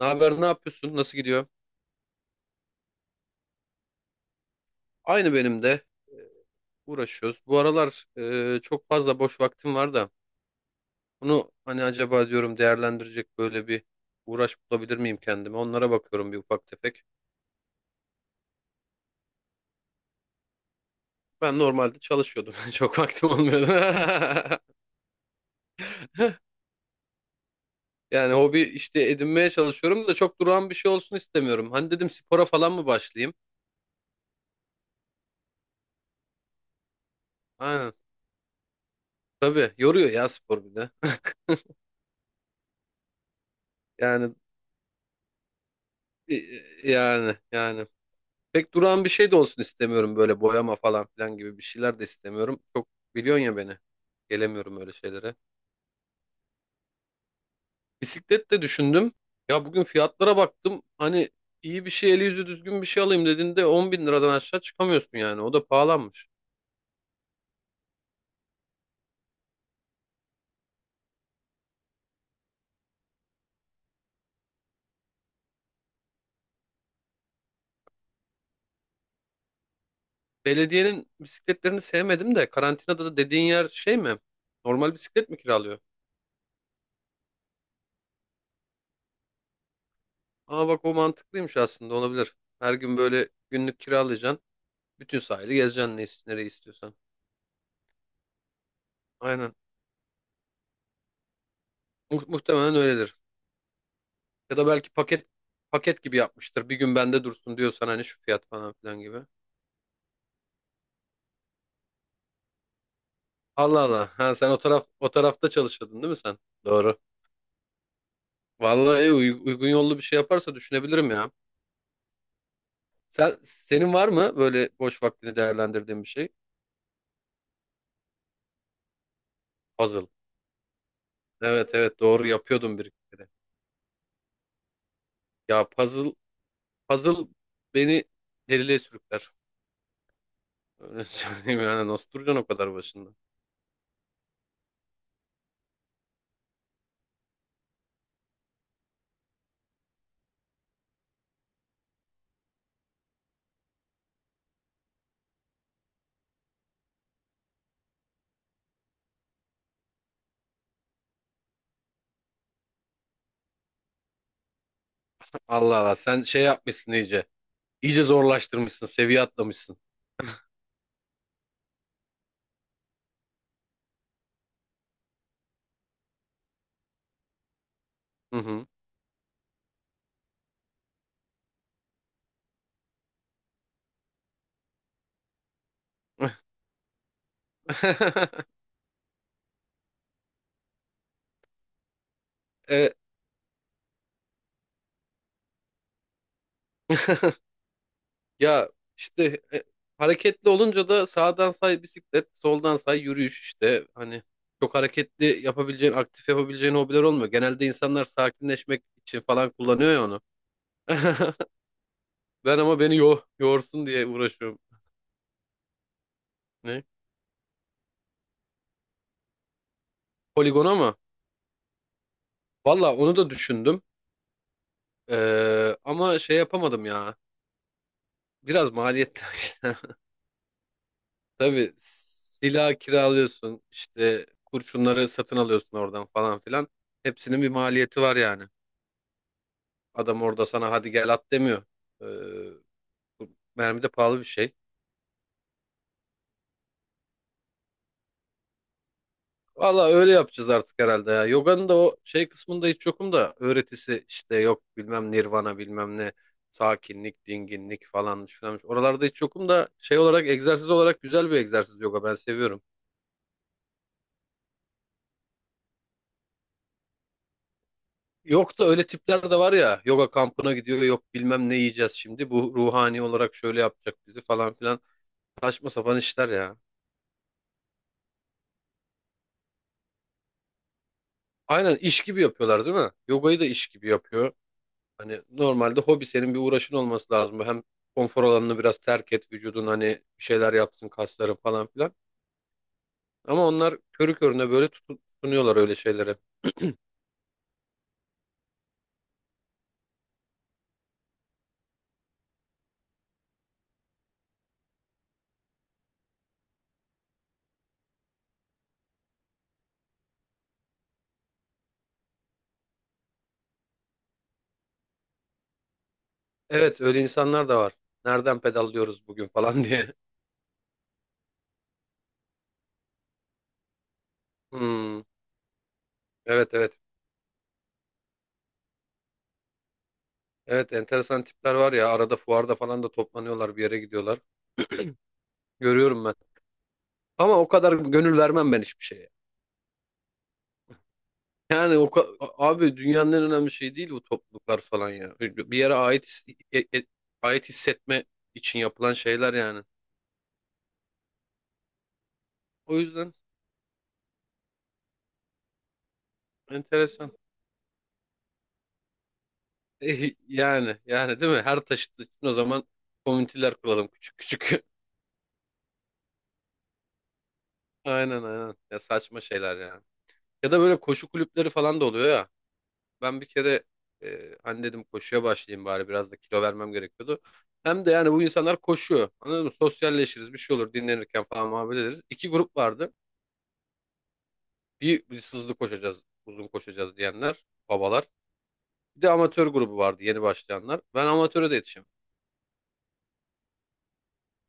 Ne haber, ne yapıyorsun? Nasıl gidiyor? Aynı benim de. Ee, Uğraşıyoruz. Bu aralar çok fazla boş vaktim var da bunu hani acaba diyorum değerlendirecek böyle bir uğraş bulabilir miyim kendime? Onlara bakıyorum bir ufak tefek. Ben normalde çalışıyordum. Çok vaktim olmuyordu. Yani hobi işte edinmeye çalışıyorum da çok durağan bir şey olsun istemiyorum. Hani dedim spora falan mı başlayayım? Aynen. Tabii yoruyor ya spor bir de. Yani yani yani. Pek duran bir şey de olsun istemiyorum, böyle boyama falan filan gibi bir şeyler de istemiyorum. Çok biliyorsun ya beni. Gelemiyorum öyle şeylere. Bisiklet de düşündüm. Ya bugün fiyatlara baktım. Hani iyi bir şey, eli yüzü düzgün bir şey alayım dediğinde 10 bin liradan aşağı çıkamıyorsun yani. O da pahalanmış. Belediyenin bisikletlerini sevmedim de, karantinada da dediğin yer şey mi? Normal bisiklet mi kiralıyor? Aa bak o mantıklıymış, aslında olabilir. Her gün böyle günlük kiralayacaksın. Bütün sahili gezeceksin, nereyi istiyorsan. Aynen. Muhtemelen öyledir. Ya da belki paket gibi yapmıştır. Bir gün bende dursun diyorsan hani şu fiyat falan filan gibi. Allah Allah. Ha sen o tarafta çalışıyordun değil mi sen? Doğru. Vallahi uygun yollu bir şey yaparsa düşünebilirim ya. Sen senin var mı böyle boş vaktini değerlendirdiğin bir şey? Puzzle. Evet, evet, doğru, yapıyordum bir iki kere. Ya puzzle beni deliliğe sürükler. Öyle söyleyeyim, yani nasıl duracaksın o kadar başında? Allah Allah sen şey yapmışsın iyice. İyice zorlaştırmışsın, seviye atlamışsın. Hı hı. E, ya işte hareketli olunca da sağdan say bisiklet, soldan say yürüyüş işte. Hani çok hareketli yapabileceğin, aktif yapabileceğin hobiler olmuyor. Genelde insanlar sakinleşmek için falan kullanıyor ya onu. Ben ama beni yorsun diye uğraşıyorum. Ne? Poligona mı? Valla onu da düşündüm. Ama şey yapamadım ya. Biraz maliyetli işte. Tabii silah kiralıyorsun, işte kurşunları satın alıyorsun oradan falan filan. Hepsinin bir maliyeti var yani. Adam orada sana hadi gel at demiyor. Ee, mermi de pahalı bir şey. Valla öyle yapacağız artık herhalde ya. Yoga'nın da o şey kısmında hiç yokum da, öğretisi işte yok bilmem nirvana bilmem ne, sakinlik, dinginlik falanmış filanmış. Oralarda hiç yokum da şey olarak, egzersiz olarak güzel bir egzersiz yoga, ben seviyorum. Yok da öyle tipler de var ya, yoga kampına gidiyor, yok bilmem ne yiyeceğiz şimdi, bu ruhani olarak şöyle yapacak bizi falan filan, saçma sapan işler ya. Aynen iş gibi yapıyorlar değil mi? Yogayı da iş gibi yapıyor. Hani normalde hobi senin bir uğraşın olması lazım. Hem konfor alanını biraz terk et, vücudun hani bir şeyler yapsın, kasların falan filan. Ama onlar körü körüne böyle tutunuyorlar öyle şeylere. Evet, öyle insanlar da var. Nereden pedallıyoruz bugün falan diye. Hmm, evet, evet, evet, enteresan tipler var ya, arada fuarda falan da toplanıyorlar, bir yere gidiyorlar. Görüyorum ben. Ama o kadar gönül vermem ben hiçbir şeye. Yani abi dünyanın en önemli şeyi değil bu topluluklar falan ya. Bir yere e- e- ait hissetme için yapılan şeyler yani. O yüzden enteresan. Eh, yani değil mi? Her taşıt için o zaman komüniteler kuralım, küçük küçük. Aynen, aynen. Ya saçma şeyler yani. Ya da böyle koşu kulüpleri falan da oluyor ya. Ben bir kere hani dedim koşuya başlayayım bari, biraz da kilo vermem gerekiyordu. Hem de yani bu insanlar koşuyor. Anladın mı? Sosyalleşiriz, bir şey olur, dinlenirken falan muhabbet ederiz. İki grup vardı. Bir, biz hızlı koşacağız uzun koşacağız diyenler, babalar. Bir de amatör grubu vardı, yeni başlayanlar. Ben amatöre de yetişim.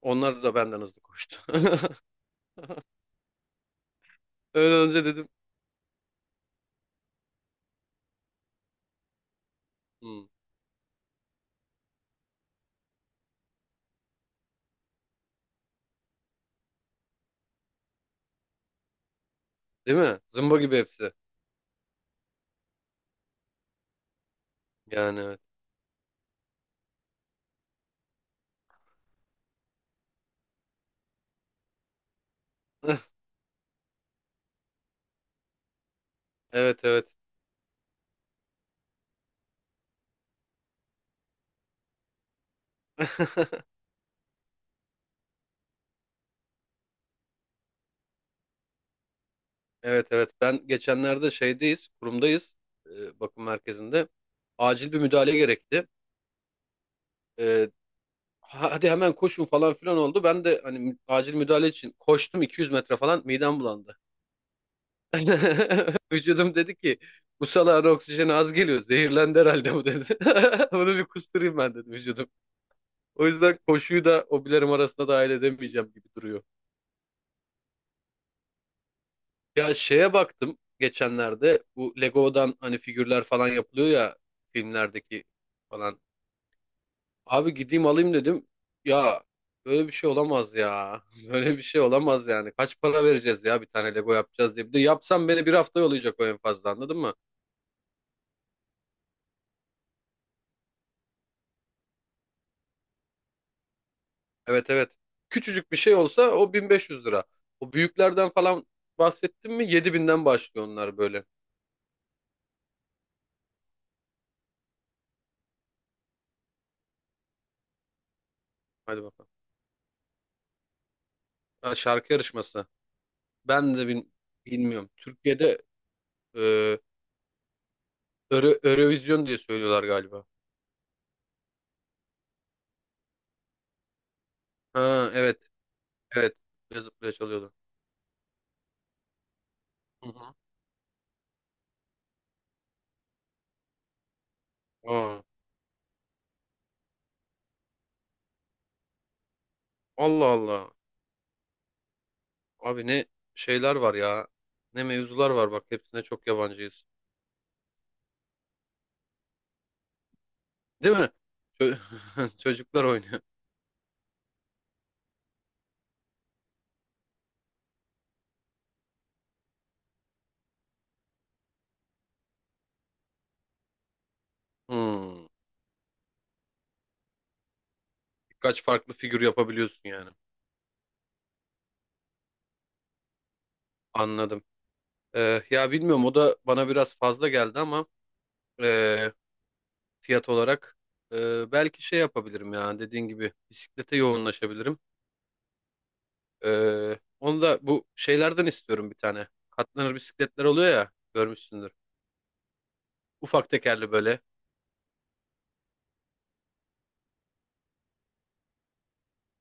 Onlar da benden hızlı koştu. Öyle önce dedim. Hmm, değil mi? Zımba gibi hepsi. Yani evet. Evet, evet. Evet evet, ben geçenlerde şeydeyiz, kurumdayız, bakım merkezinde acil bir müdahale gerekti. E, hadi hemen koşun falan filan oldu. Ben de hani acil müdahale için koştum, 200 metre falan midem bulandı. Vücudum dedi ki bu salağın oksijeni az geliyor, zehirlendi herhalde bu dedi. Bunu bir kusturayım ben dedi vücudum. O yüzden koşuyu da hobilerim arasında dahil edemeyeceğim gibi duruyor. Ya şeye baktım geçenlerde, bu Lego'dan hani figürler falan yapılıyor ya, filmlerdeki falan. Abi gideyim alayım dedim. Ya böyle bir şey olamaz ya. Böyle bir şey olamaz yani. Kaç para vereceğiz ya bir tane Lego yapacağız diye. Bir de yapsam beni bir hafta yollayacak o en fazla, anladın mı? Evet, evet. Küçücük bir şey olsa o 1500 lira. O büyüklerden falan bahsettim mi, 7000'den başlıyor onlar böyle. Hadi bakalım. Ha, şarkı yarışması. Ben de bilmiyorum. Türkiye'de Eurovision diye söylüyorlar galiba. Ha evet. Evet. Zıplaya zıplaya çalıyordu. Hı hı. Aa, Allah Allah. Abi ne şeyler var ya. Ne mevzular var bak. Hepsine çok yabancıyız. Değil mi? Çö- Çocuklar oynuyor. Hmm. Birkaç farklı figür yapabiliyorsun yani. Anladım. Ya bilmiyorum, o da bana biraz fazla geldi ama e, fiyat olarak belki şey yapabilirim ya, dediğin gibi bisiklete yoğunlaşabilirim. Onu da bu şeylerden istiyorum bir tane. Katlanır bisikletler oluyor ya, görmüşsündür. Ufak tekerli böyle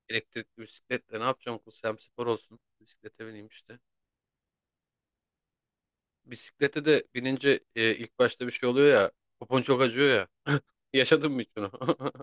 elektrikli bisikletle ne yapacağım kız, hem spor olsun. Bisiklete bineyim işte. Bisiklete de binince ilk başta bir şey oluyor ya. Popon çok acıyor ya. Yaşadın mı hiç bunu?